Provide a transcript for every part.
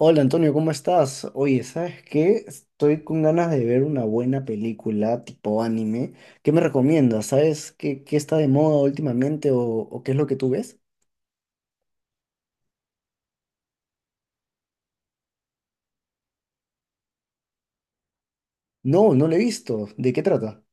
Hola Antonio, ¿cómo estás? Oye, ¿sabes qué? Estoy con ganas de ver una buena película tipo anime. ¿Qué me recomiendas? ¿Sabes qué, qué está de moda últimamente o qué es lo que tú ves? No, no lo he visto. ¿De qué trata?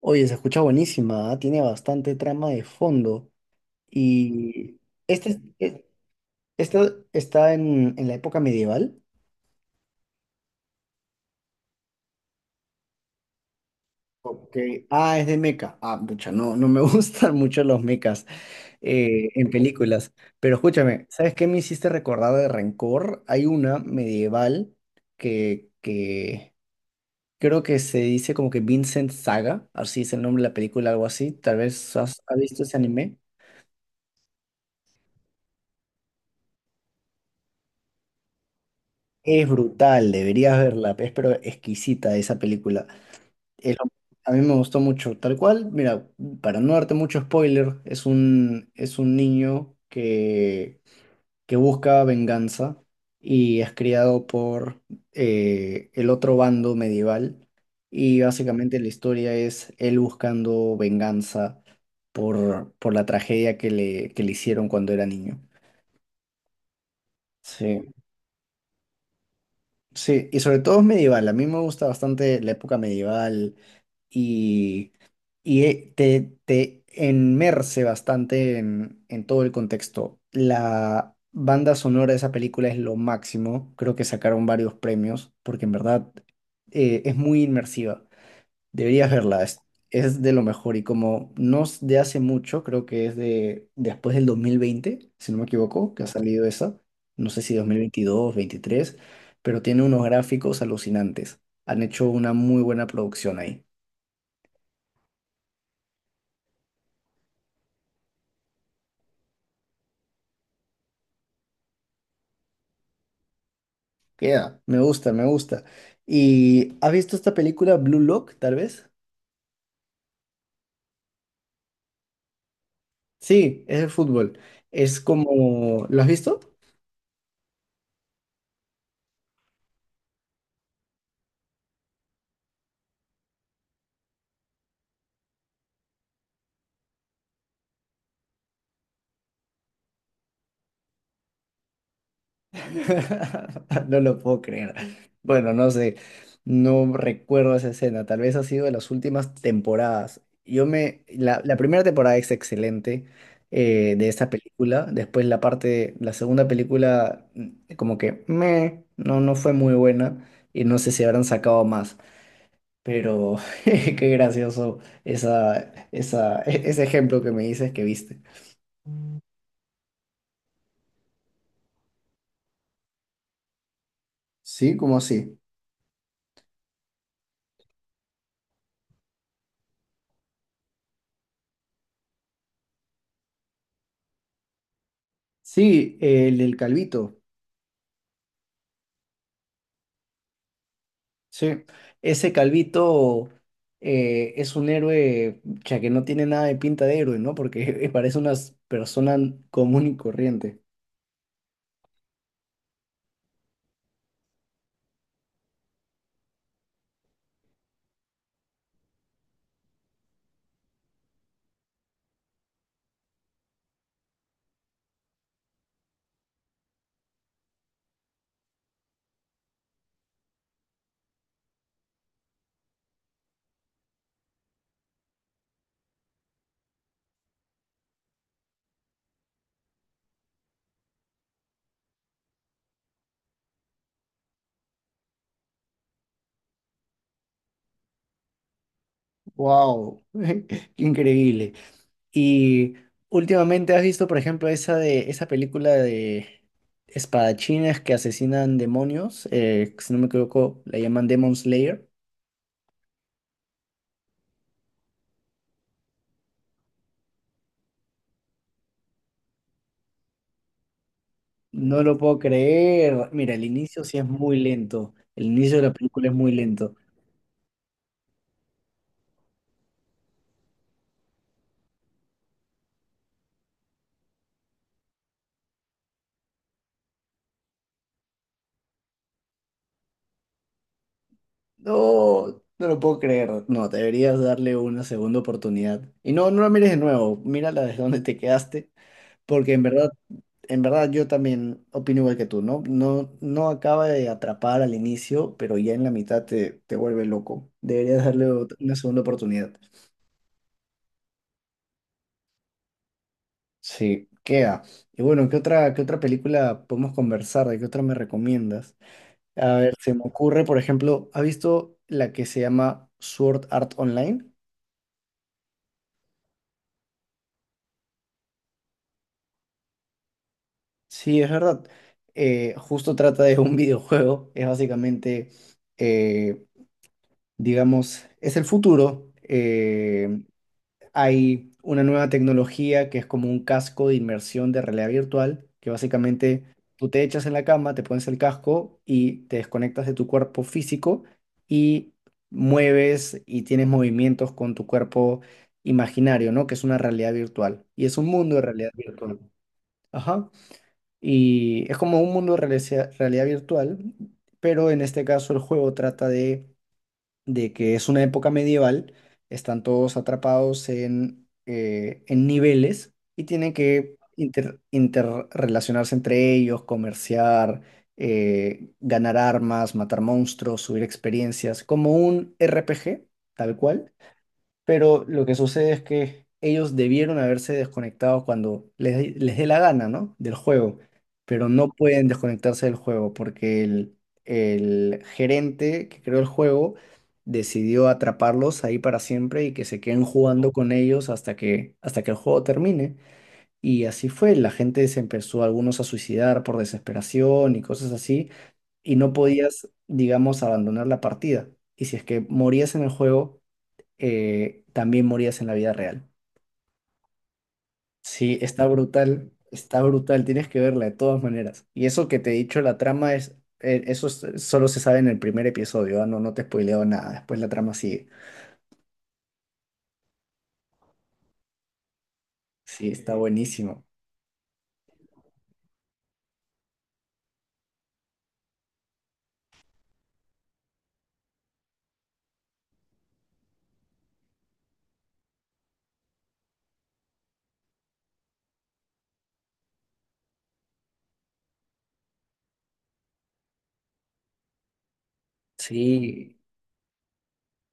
Oye, se escucha buenísima, ¿ah? Tiene bastante trama de fondo. Y este, es- e- esta está en la época medieval. Ok. Ah, es de mecha. Ah, mucha, no, no me gustan mucho los mechas. En películas. Pero escúchame, ¿sabes qué me hiciste recordar de Rencor? Hay una medieval que creo que se dice como que Vincent Saga, así es el nombre de la película, algo así. Tal vez has visto ese anime. Es brutal, deberías verla, es pero exquisita esa película. Es lo- a mí me gustó mucho. Tal cual, mira, para no darte mucho spoiler, es un niño que busca venganza y es criado por el otro bando medieval. Y básicamente la historia es él buscando venganza por la tragedia que le hicieron cuando era niño. Sí, sí, y sobre todo es medieval. A mí me gusta bastante la época medieval, y, y te enmerce bastante en todo el contexto. La banda sonora de esa película es lo máximo, creo que sacaron varios premios, porque en verdad es muy inmersiva. Deberías verla, es de lo mejor, y como no es de hace mucho, creo que es de después del 2020, si no me equivoco, que ha salido esa, no sé si 2022, 23, pero tiene unos gráficos alucinantes. Han hecho una muy buena producción ahí. Queda, me gusta, me gusta. ¿Y has visto esta película Blue Lock, tal vez? Sí, es de fútbol. Es como... ¿Lo has visto? No lo puedo creer. Bueno, no sé, no recuerdo esa escena. Tal vez ha sido de las últimas temporadas. Yo me... La primera temporada es excelente de esta película. Después la parte, la segunda película, no, no fue muy buena. Y no sé si habrán sacado más. Pero qué gracioso esa, ese ejemplo que me dices que viste. Sí, ¿cómo así? Sí, el del Calvito. Sí, ese Calvito es un héroe, ya que no tiene nada de pinta de héroe, ¿no? Porque parece una persona común y corriente. ¡Wow! ¡Increíble! Y últimamente has visto, por ejemplo, esa película de espadachines que asesinan demonios, si no me equivoco, la llaman Demon Slayer. No lo puedo creer. Mira, el inicio sí es muy lento. El inicio de la película es muy lento. No, no lo puedo creer. No, deberías darle una segunda oportunidad. Y no, no la mires de nuevo. Mírala desde donde te quedaste. Porque en verdad yo también opino igual que tú, ¿no? No, no acaba de atrapar al inicio, pero ya en la mitad te, te vuelve loco. Deberías darle una segunda oportunidad. Sí, queda. Y bueno, qué otra película podemos conversar? ¿De qué otra me recomiendas? A ver, se me ocurre, por ejemplo, ¿has visto la que se llama Sword Art Online? Sí, es verdad. Justo trata de un videojuego. Es básicamente eh, digamos, es el futuro. Hay una nueva tecnología que es como un casco de inmersión de realidad virtual, que básicamente tú te echas en la cama, te pones el casco y te desconectas de tu cuerpo físico y mueves y tienes movimientos con tu cuerpo imaginario, ¿no? Que es una realidad virtual. Y es un mundo de realidad virtual. Ajá. Y es como un mundo de realidad virtual, pero en este caso el juego trata de que es una época medieval, están todos atrapados en niveles y tienen que interrelacionarse entre ellos, comerciar, ganar armas, matar monstruos, subir experiencias, como un RPG, tal cual, pero lo que sucede es que ellos debieron haberse desconectado cuando les dé la gana, ¿no? Del juego, pero no pueden desconectarse del juego porque el gerente que creó el juego decidió atraparlos ahí para siempre y que se queden jugando con ellos hasta que el juego termine. Y así fue, la gente se empezó algunos a suicidar por desesperación y cosas así, y no podías, digamos, abandonar la partida. Y si es que morías en el juego, también morías en la vida real. Sí, está brutal, tienes que verla de todas maneras. Y eso que te he dicho, la trama es, solo se sabe en el primer episodio, ah, no, no te he spoileado nada, después la trama sigue. Sí, está buenísimo. Sí,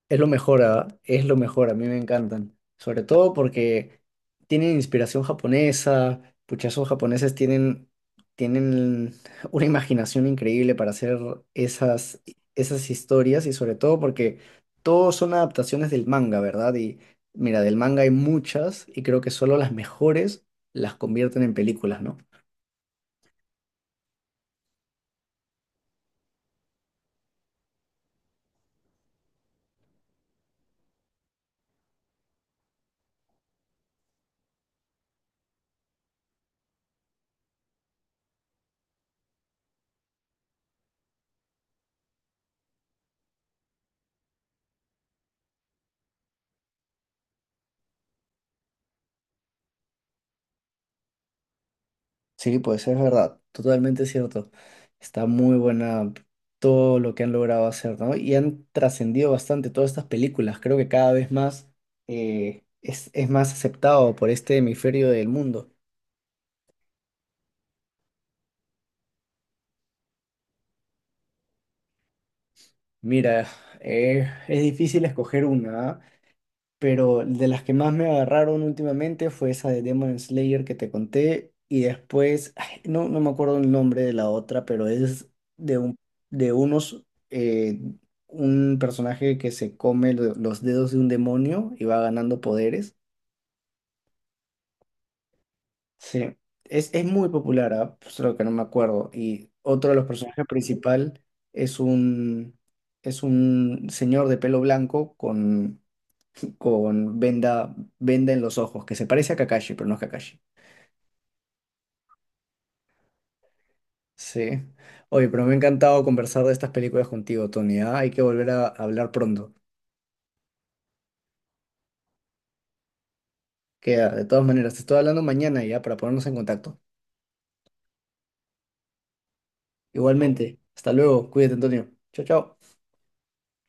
es lo mejor, ah, es lo mejor, a mí me encantan. Sobre todo porque tienen inspiración japonesa, pucha, esos japoneses tienen, tienen una imaginación increíble para hacer esas, esas historias y sobre todo porque todos son adaptaciones del manga, ¿verdad? Y mira, del manga hay muchas y creo que solo las mejores las convierten en películas, ¿no? Sí, pues es verdad, totalmente cierto. Está muy buena todo lo que han logrado hacer, ¿no? Y han trascendido bastante todas estas películas. Creo que cada vez más es más aceptado por este hemisferio del mundo. Mira, es difícil escoger una, ¿ah? Pero de las que más me agarraron últimamente fue esa de Demon Slayer que te conté, y después, ay, no, no me acuerdo el nombre de la otra, pero es de, un, de un personaje que se come los dedos de un demonio y va ganando poderes. Sí, es muy popular, ah, solo que no me acuerdo. Y otro de los personajes principal es un, es un señor de pelo blanco con venda en los ojos, que se parece a Kakashi, pero no es Kakashi. Sí. Oye, pero me ha encantado conversar de estas películas contigo, Tony. ¿Ah? Hay que volver a hablar pronto. Queda, de todas maneras, te estoy hablando mañana ya para ponernos en contacto. Igualmente, hasta luego. Cuídate, Antonio. Chao, chao.